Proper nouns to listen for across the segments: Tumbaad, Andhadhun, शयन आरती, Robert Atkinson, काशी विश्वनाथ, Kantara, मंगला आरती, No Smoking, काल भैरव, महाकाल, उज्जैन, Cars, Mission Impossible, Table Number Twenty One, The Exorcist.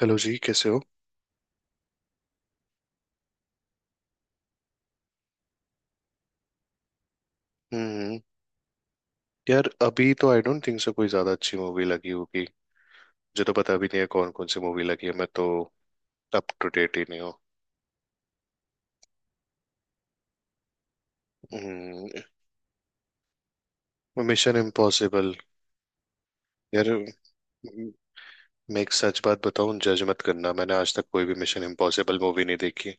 Hello जी, कैसे हो। हम्म। यार, अभी तो आई डोंट थिंक सो कोई ज्यादा अच्छी मूवी लगी होगी। मुझे तो पता भी नहीं है कौन कौन सी मूवी लगी है, मैं तो अप टू डेट ही नहीं हूँ। हम्म। Mission Impossible. यार, म- मैं एक सच बात बताऊं, जज मत करना, मैंने आज तक कोई भी मिशन इम्पॉसिबल मूवी नहीं देखी।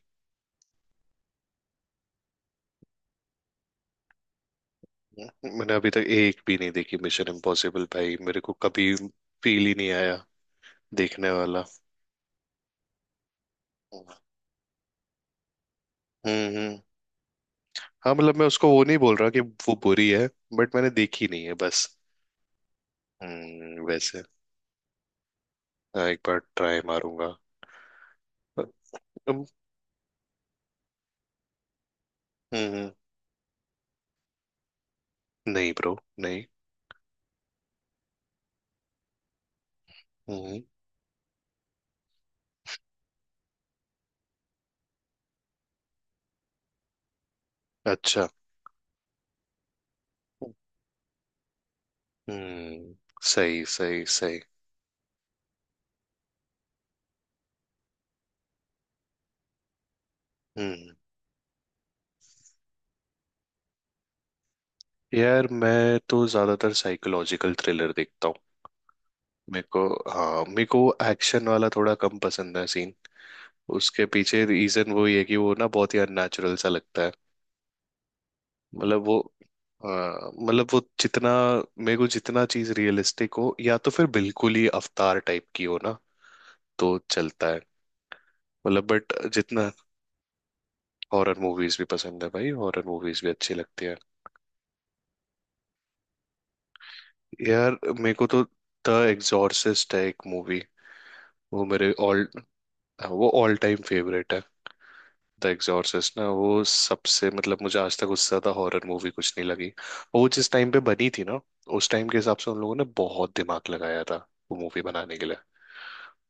मैंने अभी तक एक भी नहीं देखी मिशन इम्पॉसिबल, भाई मेरे को कभी फील ही नहीं आया देखने वाला। हम्म। हाँ मतलब मैं उसको वो नहीं बोल रहा कि वो बुरी है, बट मैंने देखी नहीं है बस। वैसे हाँ, एक बार ट्राई मारूंगा। अम, हम्म। नहीं ब्रो, नहीं। हम्म। अच्छा। हम्म। सही सही सही। हम्म यार, मैं तो ज्यादातर साइकोलॉजिकल थ्रिलर देखता हूँ। मेरे को, हाँ मेरे को एक्शन वाला थोड़ा कम पसंद है सीन। उसके पीछे रीजन वो ही है कि वो ना बहुत ही अननेचुरल सा लगता है। मतलब वो, हाँ, मतलब वो जितना, मेरे को जितना चीज रियलिस्टिक हो या तो फिर बिल्कुल ही अवतार टाइप की हो ना, तो चलता है। मतलब बट जितना, हॉरर मूवीज भी पसंद है भाई, हॉरर मूवीज भी अच्छी लगती है। यार मेरे को तो द एग्जॉर्सिस्ट है एक मूवी, वो मेरे ऑल, वो ऑल टाइम फेवरेट है। द एग्जॉर्सिस्ट ना वो सबसे मतलब मुझे आज तक उससे ज्यादा हॉरर मूवी कुछ नहीं लगी, और वो जिस टाइम पे बनी थी ना, उस टाइम के हिसाब से उन लोगों ने बहुत दिमाग लगाया था वो मूवी बनाने के लिए।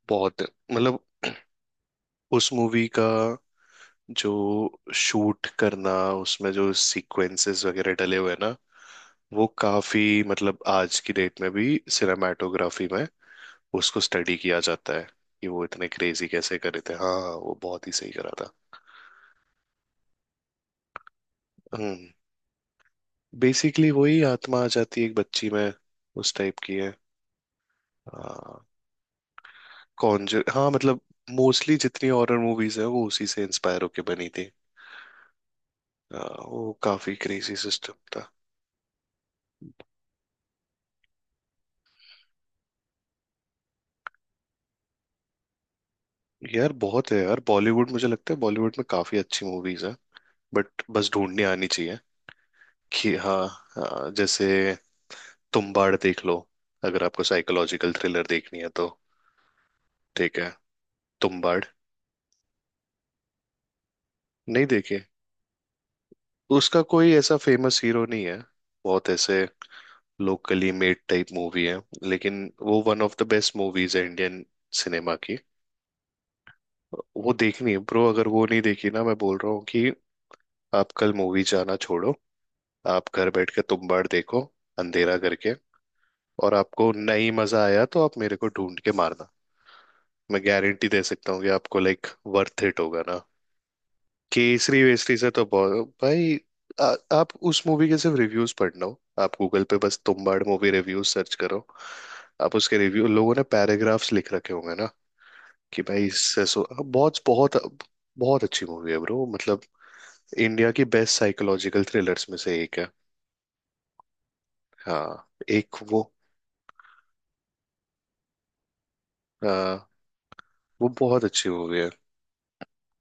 बहुत, मतलब उस मूवी का, जो शूट करना, उसमें जो सीक्वेंसेस वगैरह डले हुए हैं ना, वो काफी, मतलब आज की डेट में भी सिनेमाटोग्राफी में उसको स्टडी किया जाता है कि वो इतने क्रेजी कैसे करे थे। हाँ हाँ, वो बहुत ही सही करा था। हम्म। बेसिकली वही आत्मा आ जाती है एक बच्ची में, उस टाइप की है। हाँ। कॉन्जर, हाँ मतलब मोस्टली जितनी हॉरर मूवीज है वो उसी से इंस्पायर होके बनी थी। हाँ, वो काफी क्रेजी सिस्टम था। यार बहुत है यार, बॉलीवुड मुझे लगता है बॉलीवुड में काफी अच्छी मूवीज है, बट बस ढूंढनी आनी चाहिए कि हाँ। हाँ, जैसे तुम्बाड़ देख लो, अगर आपको साइकोलॉजिकल थ्रिलर देखनी है तो। ठीक है, तुम्बाड़। नहीं देखे। उसका कोई ऐसा फेमस हीरो नहीं है, बहुत ऐसे लोकली मेड टाइप मूवी है, लेकिन वो one of the best movies है इंडियन सिनेमा की। वो देखनी है ब्रो, अगर वो नहीं देखी ना, मैं बोल रहा हूँ कि आप कल मूवी जाना छोड़ो, आप घर बैठ के तुम बाड़ देखो, अंधेरा करके। और आपको नहीं मजा आया तो आप मेरे को ढूंढ के मारना। मैं गारंटी दे सकता हूँ कि आपको लाइक वर्थ इट होगा ना, केसरी वेसरी से तो बहुत भाई। आप उस मूवी के सिर्फ रिव्यूज पढ़ना हो, आप गूगल पे बस Tumbbad movie reviews search करो। आप उसके रिव्यू लोगों ने पैराग्राफ्स लिख रखे होंगे ना कि भाई इससे सो बहुत बहुत। बहुत अच्छी मूवी है ब्रो, मतलब इंडिया की बेस्ट साइकोलॉजिकल थ्रिलर्स में से एक है। हाँ, एक वो। हाँ। वो बहुत अच्छी मूवी है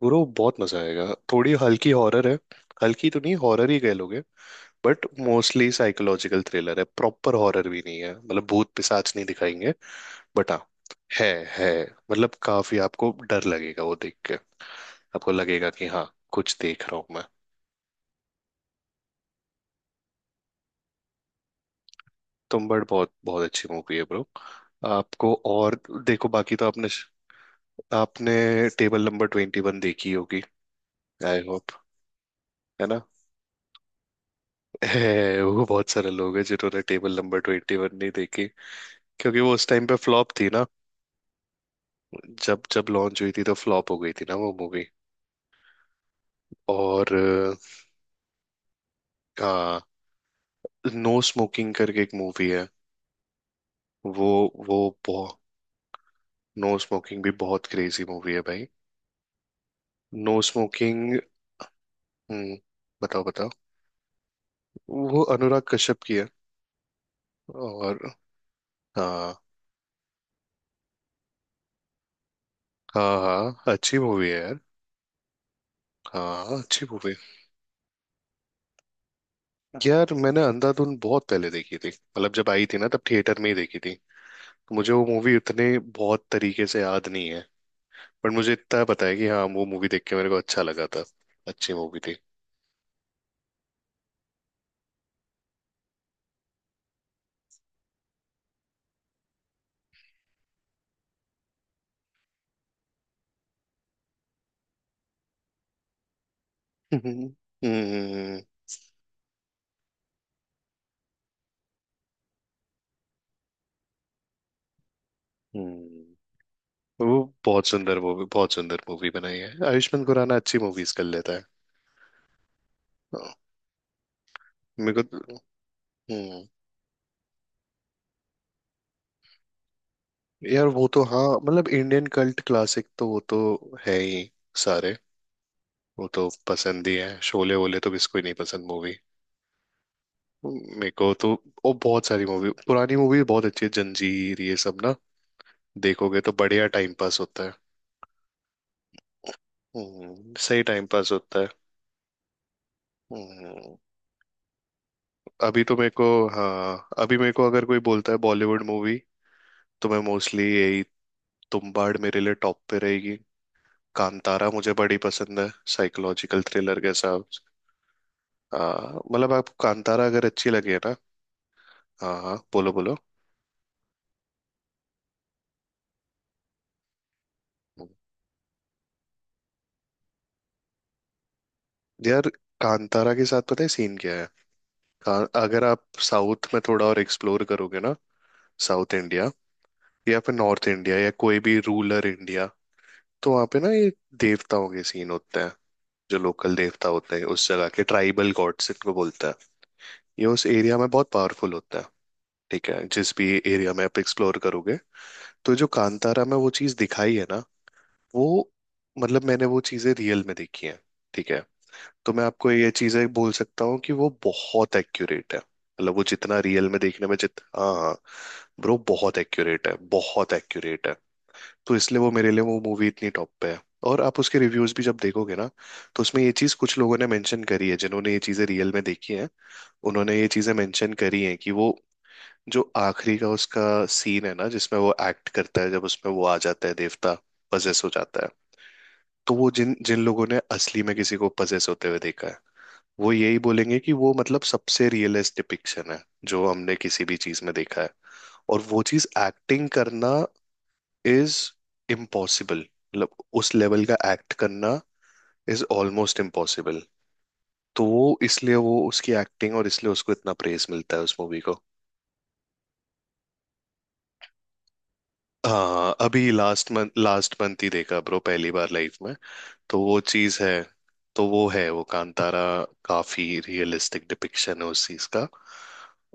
ब्रो, बहुत मजा आएगा। थोड़ी हल्की हॉरर है, हल्की तो नहीं हॉरर ही कह लोगे। बट मोस्टली साइकोलॉजिकल थ्रिलर है, प्रॉपर हॉरर भी नहीं है, मतलब भूत पिशाच नहीं दिखाएंगे। बट हाँ, है है, मतलब काफी आपको डर लगेगा वो देख के। आपको लगेगा कि हाँ कुछ देख रहा हूँ मैं। तुम्बाड़ बहुत बहुत अच्छी मूवी है ब्रो। आपको और, देखो बाकी तो आपने, आपने टेबल नंबर ट्वेंटी वन देखी होगी, आई होप। है ना? है, वो बहुत सारे लोग हैं जिन्होंने टेबल नंबर ट्वेंटी वन नहीं देखी, क्योंकि वो उस टाइम पे फ्लॉप थी ना। जब जब लॉन्च हुई थी तो फ्लॉप हो गई थी ना वो मूवी। और हाँ, नो स्मोकिंग करके एक मूवी है। वो वो बहुत, नो स्मोकिंग भी बहुत क्रेजी मूवी है भाई। No smoking. हम्म। बताओ बताओ। वो अनुराग कश्यप की है। और हाँ हाँ, हाँ अच्छी मूवी है यार। हाँ अच्छी मूवी। यार मैंने अंधाधुन बहुत पहले देखी थी, मतलब जब आई थी ना तब थिएटर में ही देखी थी, तो मुझे वो मूवी उतने बहुत तरीके से याद नहीं है। पर मुझे इतना पता है कि हाँ वो मूवी देख के मेरे को अच्छा लगा था। अच्छी मूवी थी। हम्म हम्म हम्म। वो बहुत सुंदर मूवी, बहुत सुंदर मूवी बनाई है आयुष्मान खुराना, अच्छी मूवीज कर लेता है। हाँ, मेरे को तो— हम्म, यार वो तो हाँ मतलब इंडियन कल्ट क्लासिक तो वो तो है ही सारे। वो तो पसंद ही है, शोले वोले तो किसको ही नहीं पसंद मूवी। मेरे को तो वो बहुत सारी मूवी, पुरानी मूवी बहुत अच्छी है, जंजीर, ये सब ना देखोगे तो बढ़िया टाइम पास होता है। हम्म, सही टाइम पास होता है। हम्म। अभी तो मेरे को, हाँ अभी मेरे को अगर कोई बोलता है बॉलीवुड मूवी, तो मैं मोस्टली यही, तुम्बाड़ मेरे लिए टॉप पे रहेगी। कांतारा मुझे बड़ी पसंद है साइकोलॉजिकल थ्रिलर के हिसाब से। हाँ मतलब आप कांतारा अगर अच्छी लगे ना, हाँ हाँ बोलो बोलो। यार कांतारा के साथ पता है सीन क्या है। का- अगर आप साउथ में थोड़ा और एक्सप्लोर करोगे ना, साउथ इंडिया, या फिर नॉर्थ इंडिया, या कोई भी रूरल इंडिया, तो वहाँ पे ना ये देवताओं के सीन होते हैं, जो लोकल देवता होते हैं उस जगह के, ट्राइबल गॉड्स इनको बोलते हैं। ये उस एरिया में बहुत पावरफुल होता है। ठीक है, जिस भी एरिया में आप एक्सप्लोर करोगे, तो जो कांतारा में वो चीज़ दिखाई है ना, वो, मतलब मैंने वो चीज़ें रियल में देखी हैं। ठीक है, तो मैं आपको ये चीजें बोल सकता हूँ कि वो बहुत एक्यूरेट है, मतलब वो जितना रियल में देखने में जित, हाँ हाँ, ब्रो बहुत एक्यूरेट है, बहुत एक्यूरेट है। तो इसलिए वो मेरे लिए वो मूवी इतनी टॉप पे है। और आप उसके रिव्यूज भी जब देखोगे ना, तो उसमें ये चीज कुछ लोगों ने मेंशन करी है जिन्होंने ये चीजें रियल में देखी हैं। उन्होंने ये चीजें मेंशन करी हैं कि वो जो आखिरी का उसका सीन है ना, जिसमें वो एक्ट करता है, जब उसमें वो आ जाता है देवता, पजेस हो जाता है। तो वो जिन जिन लोगों ने असली में किसी को पजेस होते हुए देखा है, वो यही बोलेंगे कि वो, मतलब सबसे रियलिस्ट डिपिक्शन है जो हमने किसी भी चीज में देखा है। और वो चीज एक्टिंग करना इज इम्पॉसिबल, मतलब उस लेवल का एक्ट करना इज ऑलमोस्ट इम्पॉसिबल। तो वो इसलिए वो उसकी एक्टिंग, और इसलिए उसको इतना प्रेज मिलता है उस मूवी को। हाँ अभी लास्ट मंथ, लास्ट मंथ ही देखा ब्रो, पहली बार लाइफ में। तो वो चीज है। तो वो है वो कांतारा, काफी रियलिस्टिक डिपिक्शन है उस चीज का।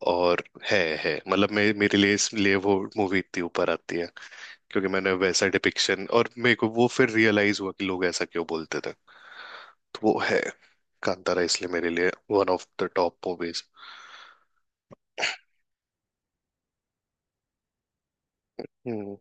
और है, मतलब मेरे लिए इसलिए वो मूवी इतनी ऊपर आती है, क्योंकि मैंने वैसा डिपिक्शन, और मेरे को वो फिर रियलाइज हुआ कि लोग ऐसा क्यों बोलते थे। तो वो है। कांतारा इसलिए मेरे लिए one of the top movies. हम्म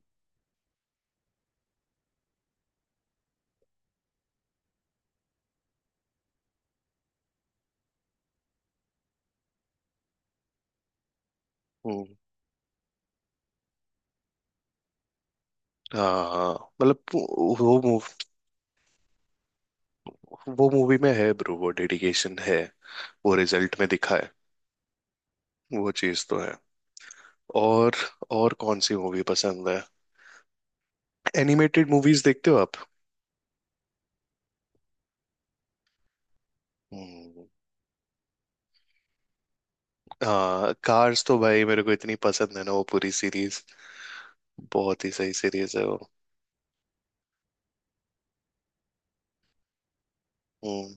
हम्म। हाँ हाँ, मतलब वो मूव, वो मूवी में है ब्रो, वो डेडिकेशन है, वो रिजल्ट में दिखा है। वो चीज तो है। और और कौन सी मूवी पसंद है? एनिमेटेड मूवीज देखते हो आप? हम्म। हाँ कार्स तो भाई मेरे को इतनी पसंद है ना वो पूरी सीरीज, बहुत ही सही सीरीज है वो। हम्म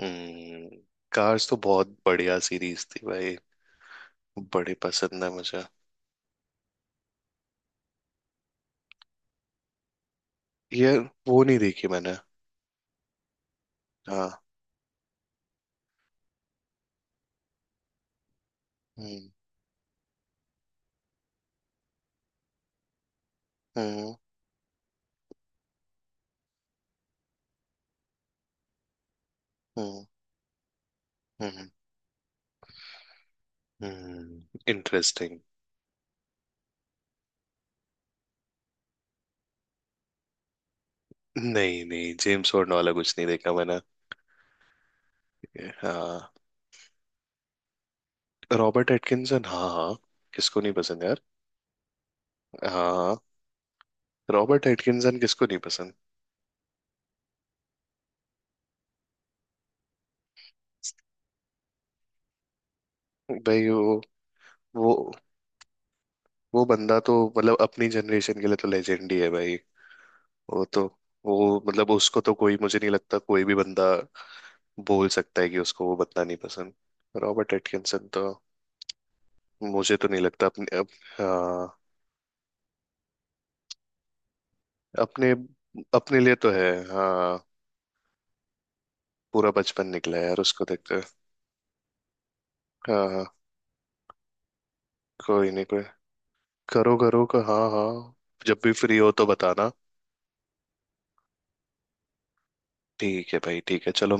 हम्म, कार्स तो बहुत बढ़िया सीरीज थी भाई, बड़ी पसंद है मुझे। ये वो नहीं देखी मैंने। हाँ। हम्म हम्म हम्म हम्म। हम्म, इंटरेस्टिंग। नहीं नहीं, जेम्स बॉन्ड वाला कुछ नहीं देखा मैंने। हाँ। रॉबर्ट एटकिंसन हाँ हाँ, किसको नहीं पसंद यार। हाँ। रॉबर्ट एटकिंसन किसको नहीं पसंद? भाई वो वो बंदा तो मतलब अपनी जनरेशन के लिए तो लेजेंड ही है भाई। वो तो, वो मतलब उसको तो कोई मुझे नहीं लगता कोई भी बंदा बोल सकता है कि उसको वो बंदा नहीं पसंद, रॉबर्ट एटकिंसन तो। मुझे तो नहीं लगता अपने हाँ अपने, अपने लिए तो है हाँ। पूरा बचपन निकला है यार उसको देखते हुए। हाँ हाँ, कोई नहीं, कोई करो करो का हाँ हाँ। जब भी फ्री हो तो बताना। ठीक है भाई, ठीक है, चलो।